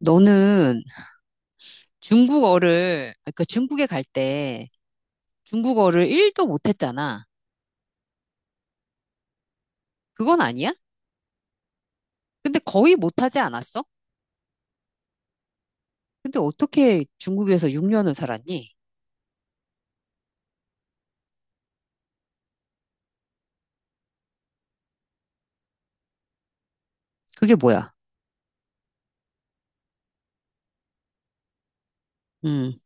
너는 중국어를, 그러니까 중국에 갈 때 중국어를 1도 못했잖아. 그건 아니야? 근데 거의 못하지 않았어? 근데 어떻게 중국에서 6년을 살았니? 그게 뭐야? 음.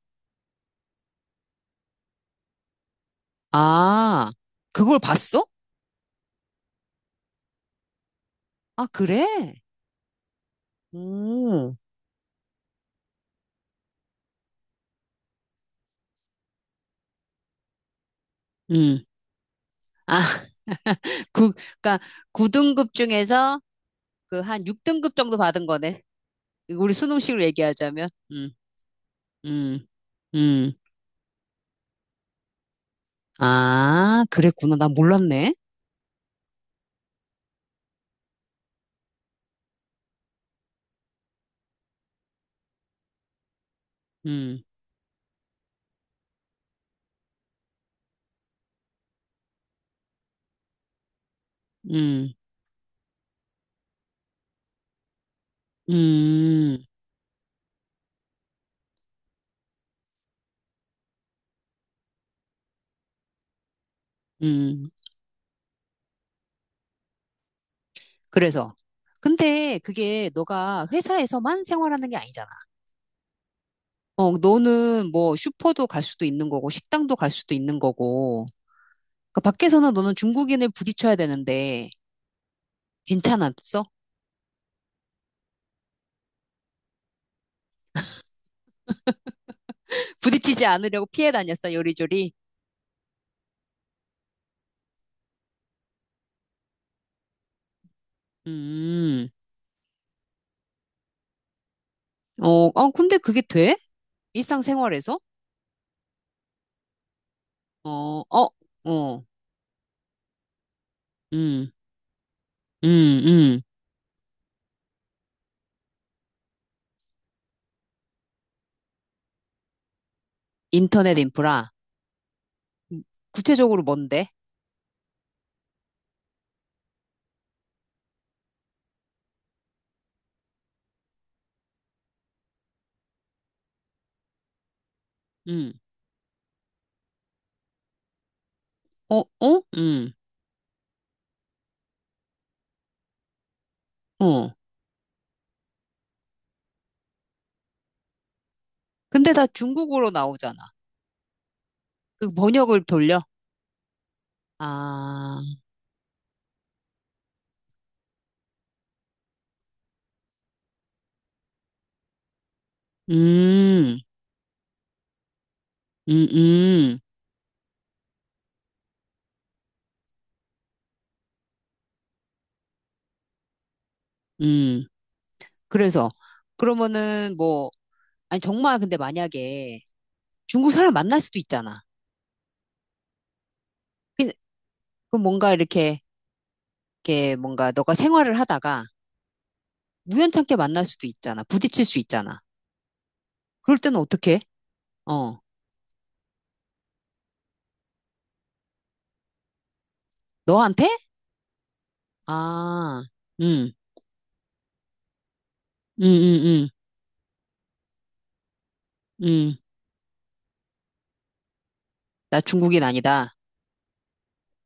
아, 그걸 봤어? 아, 그래? 음. 음. 아, 그, 그러니까 9등급 중에서 그 한 6등급 정도 받은 거네. 우리 수능식으로 얘기하자면. 음, 음. 아, 그랬구나. 나 몰랐네. 음, 음. 음, 음. 그래서. 근데 그게 너가 회사에서만 생활하는 게 아니잖아. 어, 너는 뭐 슈퍼도 갈 수도 있는 거고, 식당도 갈 수도 있는 거고. 그 밖에서는 너는 중국인을 부딪혀야 되는데, 괜찮았어? 부딪히지 않으려고 피해 다녔어, 요리조리? 음, 어, 어, 근데 그게 돼? 일상생활에서? 어, 어, 어, 음, 음, 음. 인터넷 인프라. 구체적으로 뭔데? 음, 어, 어, 어. 근데 다 중국어로 나오잖아. 그 번역을 돌려? 아, 음, 음, 음, 음. 그래서, 그러면은 뭐, 아니, 정말 근데 만약에 중국 사람 만날 수도 있잖아. 그, 그 뭔가 이렇게, 이렇게 뭔가 너가 생활을 하다가 우연찮게 만날 수도 있잖아. 부딪힐 수 있잖아. 그럴 때는 어떻게? 어, 너한테? 아, 음, 음, 음, 음, 음. 나 중국인 아니다.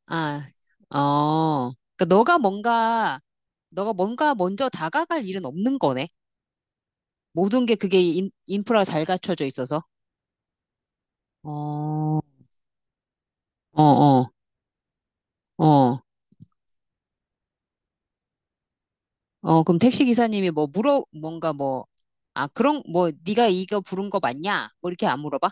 아, 어. 그러니까 너가 뭔가 먼저 다가갈 일은 없는 거네. 모든 게 그게 인프라가 잘 갖춰져 있어서. 어, 어, 어, 어. 어, 그럼 택시 기사님이 뭐 물어, 뭔가 뭐, 아, 그런, 뭐, 네가 이거 부른 거 맞냐? 뭐 이렇게 안 물어봐?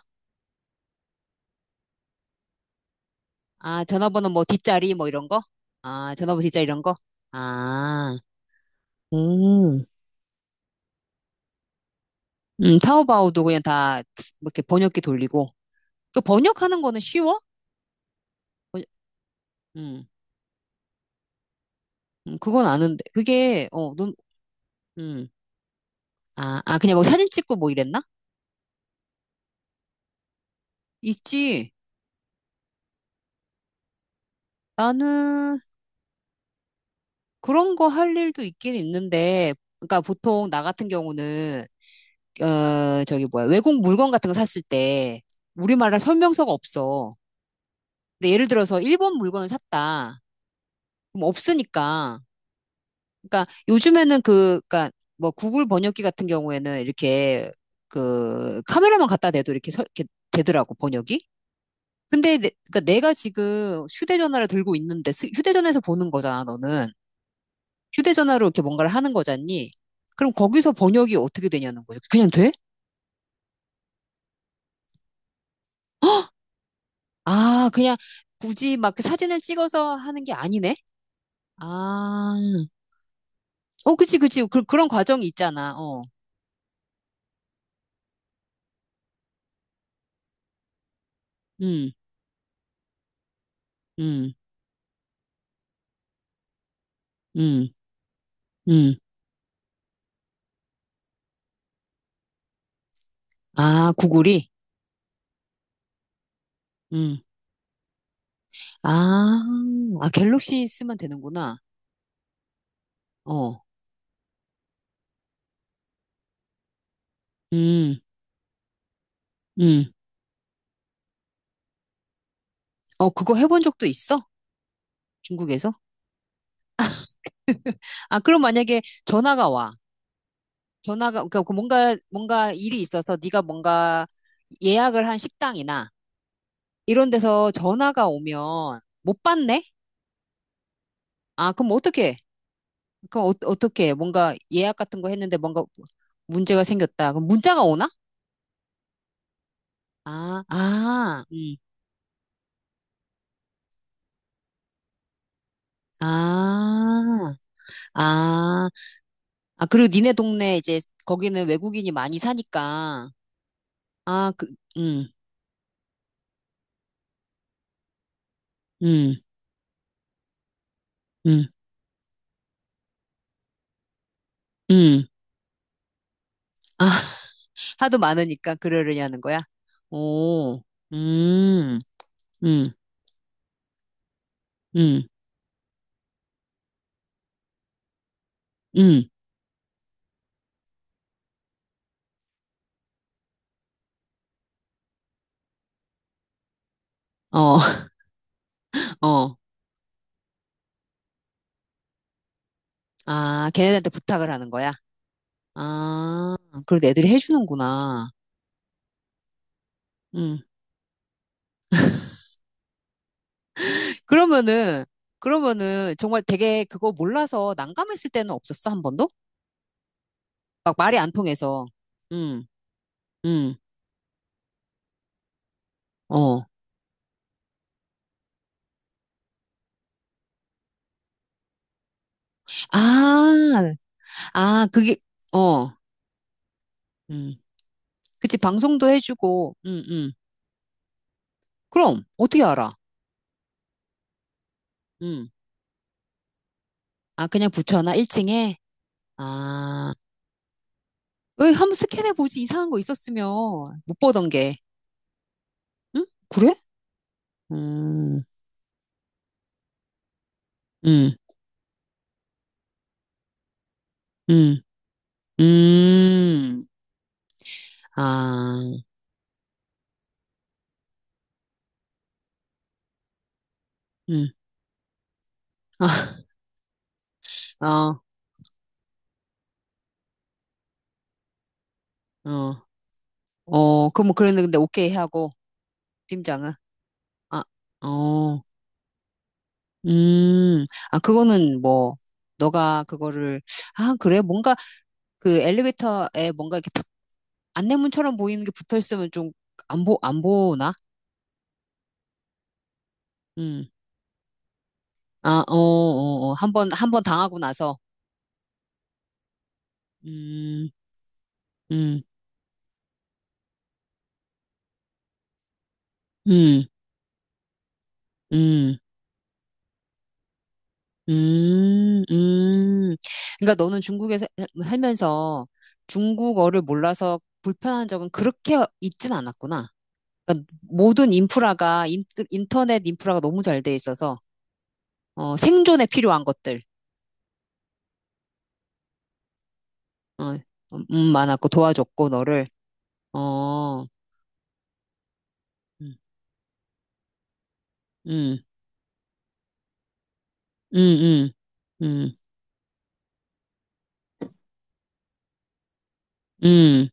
아, 전화번호 뭐 뒷자리 뭐 이런 거? 아, 전화번호 뒷자리 이런 거? 아, 음. 타오바오도 그냥 다 이렇게 번역기 돌리고. 그 번역하는 거는 쉬워? 번- 음. 그건 아는데. 그게, 어, 넌, 음, 아, 아, 그냥 뭐 사진 찍고 뭐 이랬나? 있지. 나는 그런 거 할 일도 있긴 있는데, 그러니까 보통 나 같은 경우는, 어, 저기 뭐야, 외국 물건 같은 거 샀을 때, 우리말에 설명서가 없어. 근데 예를 들어서 일본 물건을 샀다. 그럼 없으니까. 그러니까 요즘에는 그러니까 뭐 구글 번역기 같은 경우에는 이렇게 그 카메라만 갖다 대도 이렇게, 이렇게 되더라고, 번역이. 근데 그러니까 내가 지금 휴대전화를 들고 있는데 휴대전화에서 보는 거잖아, 너는. 휴대전화로 이렇게 뭔가를 하는 거잖니. 그럼 거기서 번역이 어떻게 되냐는 거죠. 그냥 돼? 아, 그냥 굳이 막그 사진을 찍어서 하는 게 아니네? 아, 어, 그치, 그치. 그런 과정이 있잖아. 어, 음, 음, 음, 음. 아, 구글이? 음. 아, 아, 갤럭시 쓰면 되는구나. 어, 음, 음. 어, 그거 해본 적도 있어? 중국에서? 아, 그럼 만약에 전화가 와. 전화가, 그러니까 그 뭔가 일이 있어서 네가 뭔가 예약을 한 식당이나 이런 데서 전화가 오면 못 받네? 아, 그럼 어떻게? 그럼 어떻게? 해? 뭔가 예약 같은 거 했는데 뭔가 문제가 생겼다. 그럼 문자가 오나? 아, 아, 아, 아, 아, 그리고 니네 동네 이제 거기는 외국인이 많이 사니까. 아, 그, 음, 음, 음, 음. 아, 하도 많으니까 그러려냐는 거야? 오, 음, 음, 음, 음, 어, 어. 아, 걔네들한테 부탁을 하는 거야? 아, 그래도 애들이 해주는구나. 음. 그러면은, 그러면은 정말 되게 그거 몰라서 난감했을 때는 없었어, 한 번도? 막 말이 안 통해서. 음, 음, 어. 아, 아, 그게, 어, 음. 그치, 방송도 해주고, 그럼, 어떻게 알아? 음. 아, 그냥 붙여놔, 1층에? 아, 왜 한번 스캔해 보지 이상한 거 있었으면 못 보던 게. 응? 그래? 음, 음, 음, 음. 아, 음. 아, 어, 어, 어, 그럼 뭐 그랬는데 오케이 하고 팀장은 아, 어, 음, 아 그거는 뭐 너가 그거를 아 그래 뭔가 그 엘리베이터에 뭔가 이렇게 탁 안내문처럼 보이는 게 붙어 있으면 좀 안 보나? 음, 아, 어, 어, 어, 한번 한 번 당하고 나서 음, 음, 음, 음, 음, 음. 그러니까 너는 중국에 살면서 중국어를 몰라서 불편한 적은 그렇게 있진 않았구나. 그러니까 모든 인프라가 인터넷 인프라가 너무 잘돼 있어서 어, 생존에 필요한 것들 어, 많았고 도와줬고 너를 어, 음, 음, 음, 음, 음. 음.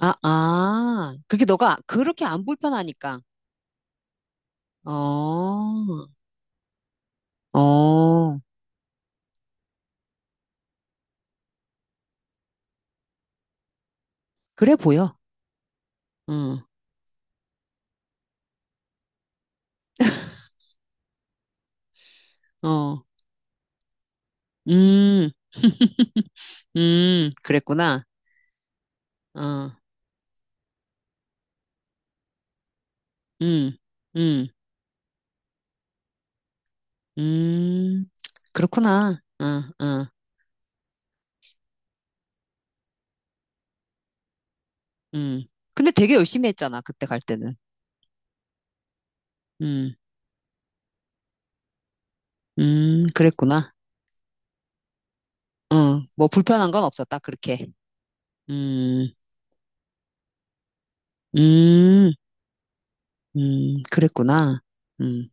아, 아. 그게 너가 그렇게 안 불편하니까. 어. 어, 그래 보여. 응, 어, 음, 그랬구나. 어, 음, 음, 음, 그렇구나. 어, 어, 음. 근데 되게 열심히 했잖아, 그때 갈 때는. 음, 그랬구나. 어, 뭐 불편한 건 없었다, 그렇게. 음, 음, 그랬구나. 음.